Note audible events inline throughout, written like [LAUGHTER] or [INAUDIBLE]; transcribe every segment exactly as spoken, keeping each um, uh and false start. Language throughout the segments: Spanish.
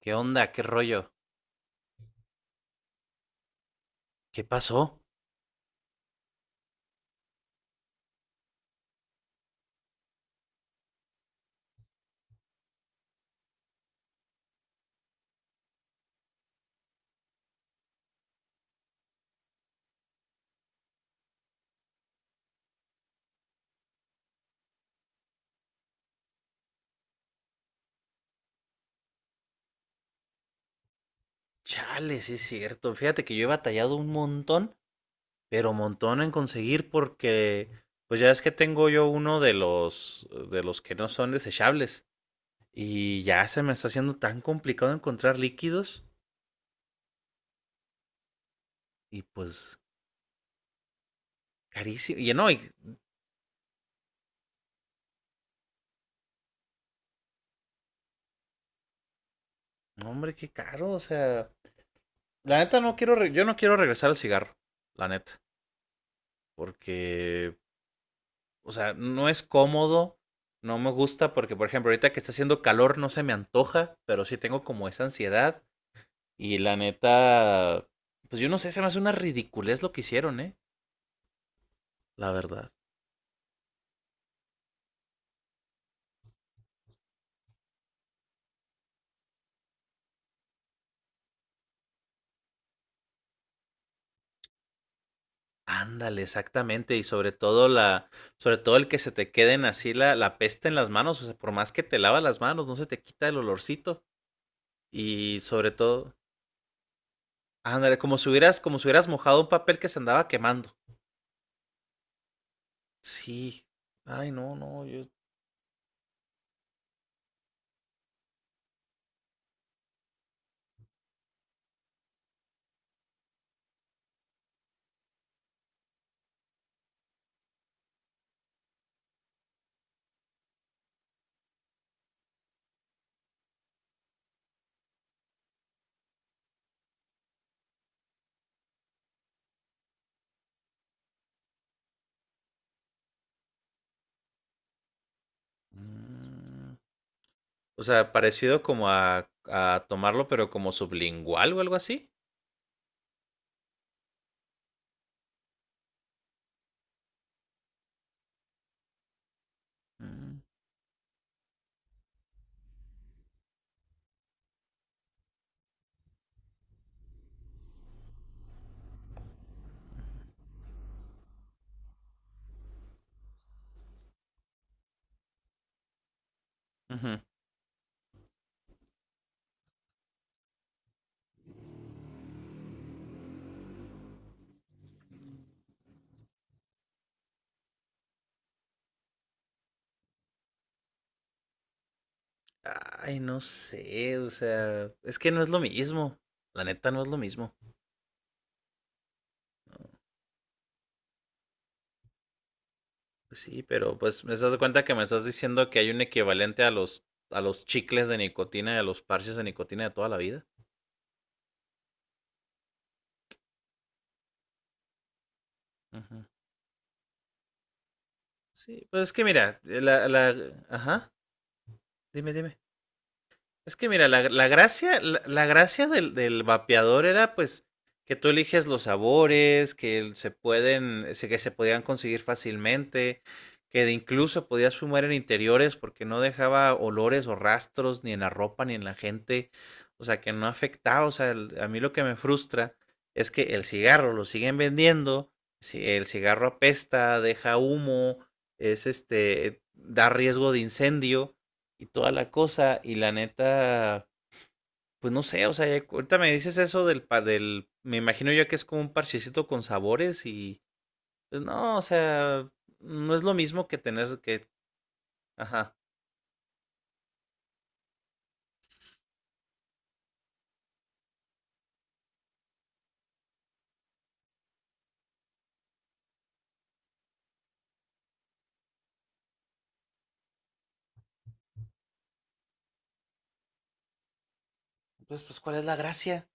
¿Qué onda? ¿Qué rollo? ¿Qué pasó? Chale, sí es cierto. Fíjate que yo he batallado un montón, pero montón en conseguir porque, pues ya es que tengo yo uno de los, de los que no son desechables. Y ya se me está haciendo tan complicado encontrar líquidos y pues carísimo. Y no, y, no, hombre, qué caro. O sea, la neta no quiero, re- yo no quiero regresar al cigarro, la neta, porque o sea, no es cómodo, no me gusta porque, por ejemplo, ahorita que está haciendo calor no se me antoja, pero sí tengo como esa ansiedad y la neta, pues yo no sé, se me hace una ridiculez lo que hicieron, ¿eh? La verdad. Ándale, exactamente, y sobre todo la, sobre todo el que se te queden así la, la peste en las manos, o sea, por más que te lavas las manos, no se te quita el olorcito. Y sobre todo, ándale, como si hubieras, como si hubieras mojado un papel que se andaba quemando. Sí. Ay, no, no, yo. Mm. O sea, parecido como a, a tomarlo, pero como sublingual o algo así. Mm. Ujú. Ay, no sé, o sea, es que no es lo mismo. La neta no es lo mismo. Pues sí, pero pues me estás de cuenta que me estás diciendo que hay un equivalente a los a los chicles de nicotina y a los parches de nicotina de toda la vida. Ujú. Sí, pues es que mira, eh, la, la, ajá, dime, dime. Es que mira, la, la gracia, la, la gracia del, del vapeador era pues que tú eliges los sabores, que se pueden, se- que se podían conseguir fácilmente, que de incluso podías fumar en interiores porque no dejaba olores o rastros ni en la ropa ni en la gente, o sea, que no afectaba, o sea, el- a mí lo que me frustra es que el cigarro lo siguen vendiendo, si el cigarro apesta, deja humo, es este, da riesgo de incendio y toda la cosa. Y la neta, pues no sé, o sea, ya- ahorita me dices eso del, pa- del, me imagino yo que es como un parchecito con sabores y, pues no, o sea, no es lo mismo que tener que, ajá. Entonces, pues, ¿cuál es la gracia?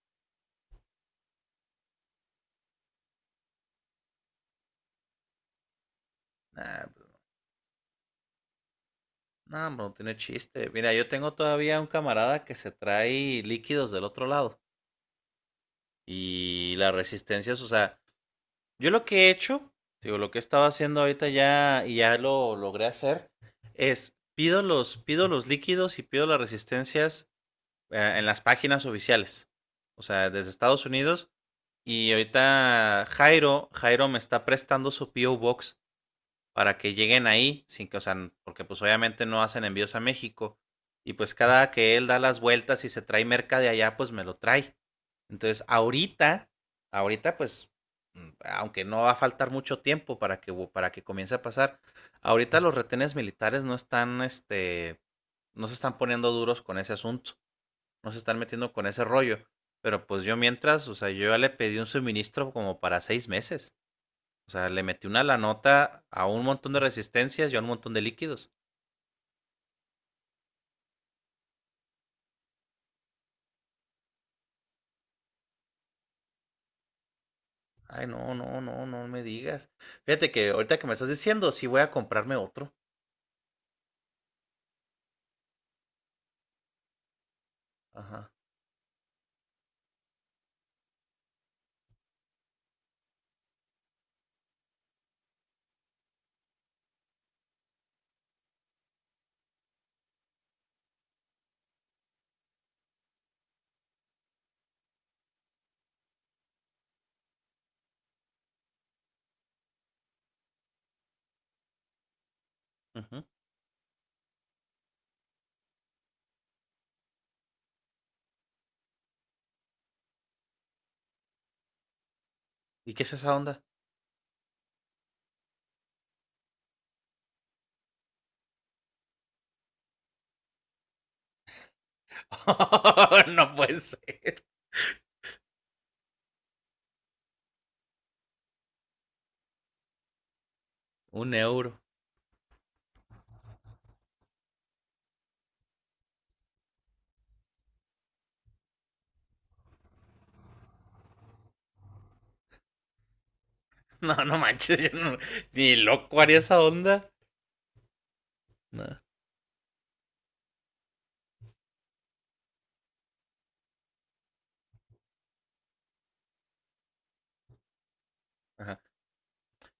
Nah, bro, no, bro, no tiene chiste. Mira, yo tengo todavía un camarada que se trae líquidos del otro lado y las resistencias, o sea, yo lo que he hecho, digo, lo que he estado haciendo ahorita ya y ya lo logré hacer, es pido los, pido los líquidos y pido las resistencias eh, en las páginas oficiales. O sea, desde Estados Unidos. Y ahorita Jairo, Jairo me está prestando su P O Box para que lleguen ahí, sin que, o sea, porque pues obviamente no hacen envíos a México. Y pues cada que él da las vueltas y se trae merca de allá, pues me lo trae. Entonces, ahorita, ahorita pues, mm, aunque no va a faltar mucho tiempo para que, para que comience a pasar, ahorita los retenes militares no están, este, no se están poniendo duros con ese asunto, no se están metiendo con ese rollo. Pero pues yo mientras, o sea, yo ya le pedí un suministro como para seis meses. O sea, le metí una la nota a un montón de resistencias y a un montón de líquidos. Ay, no, no, no, no me digas. Fíjate que ahorita que me estás diciendo, sí voy a comprarme otro. Ajá. Ujú. ¿Y qué es esa onda? [LAUGHS] No puede ser. Un euro. [LAUGHS] No, no manches, yo no- ni loco haría esa onda. No. Ajá.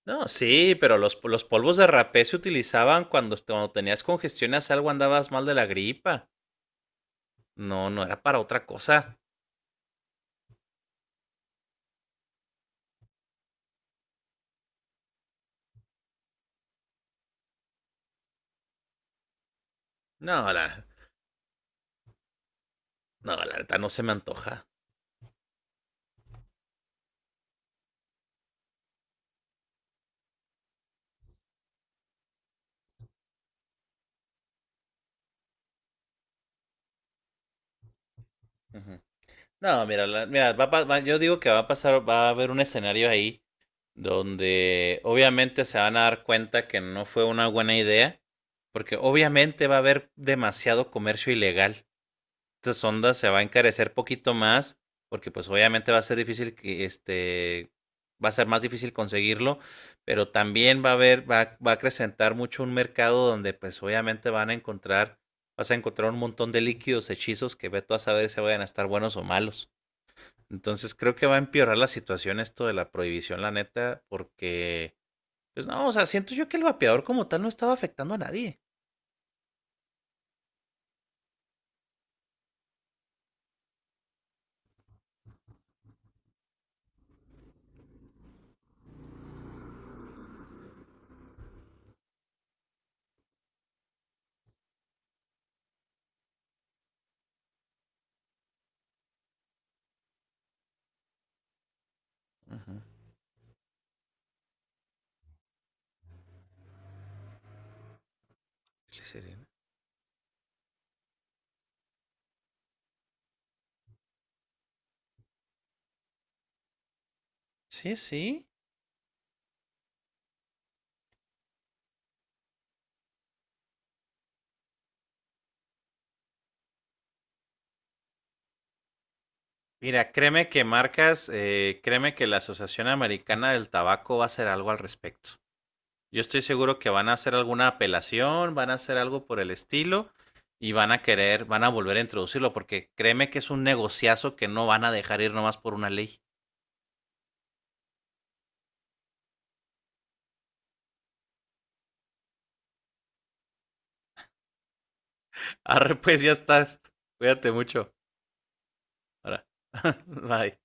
No, sí, pero los, los polvos de rapé se utilizaban cuando, est- cuando tenías congestiones, algo andabas mal de la gripa. No, no era para otra cosa. No, la, no, la verdad no se me antoja. Ujú. No, mira, la- mira, va a pa- va- yo digo que va a pasar, va a haber un escenario ahí donde obviamente se van a dar cuenta que no fue una buena idea, porque obviamente va a haber demasiado comercio ilegal. Estas ondas se va a encarecer poquito más, porque pues obviamente va a ser difícil que este, va a ser más difícil conseguirlo, pero también va a haber, va, a- va a acrecentar mucho un mercado donde pues obviamente van a encontrar, vas a encontrar un montón de líquidos, hechizos que ve tú a saber si vayan a estar buenos o malos. Entonces creo que va a empeorar la situación esto de la prohibición, la neta, porque, pues no, o sea, siento yo que el vapeador como tal no estaba afectando a nadie. Ajá, glicerina. Sí, sí. Mira, créeme que marcas, eh, créeme que la Asociación Americana del Tabaco va a hacer algo al respecto. Yo estoy seguro que van a hacer alguna apelación, van a hacer algo por el estilo y van a querer, van a volver a introducirlo porque créeme que es un negociazo que no van a dejar ir nomás por una ley. [LAUGHS] Arre, pues ya estás. Cuídate mucho. Ahora. [LAUGHS] Bye.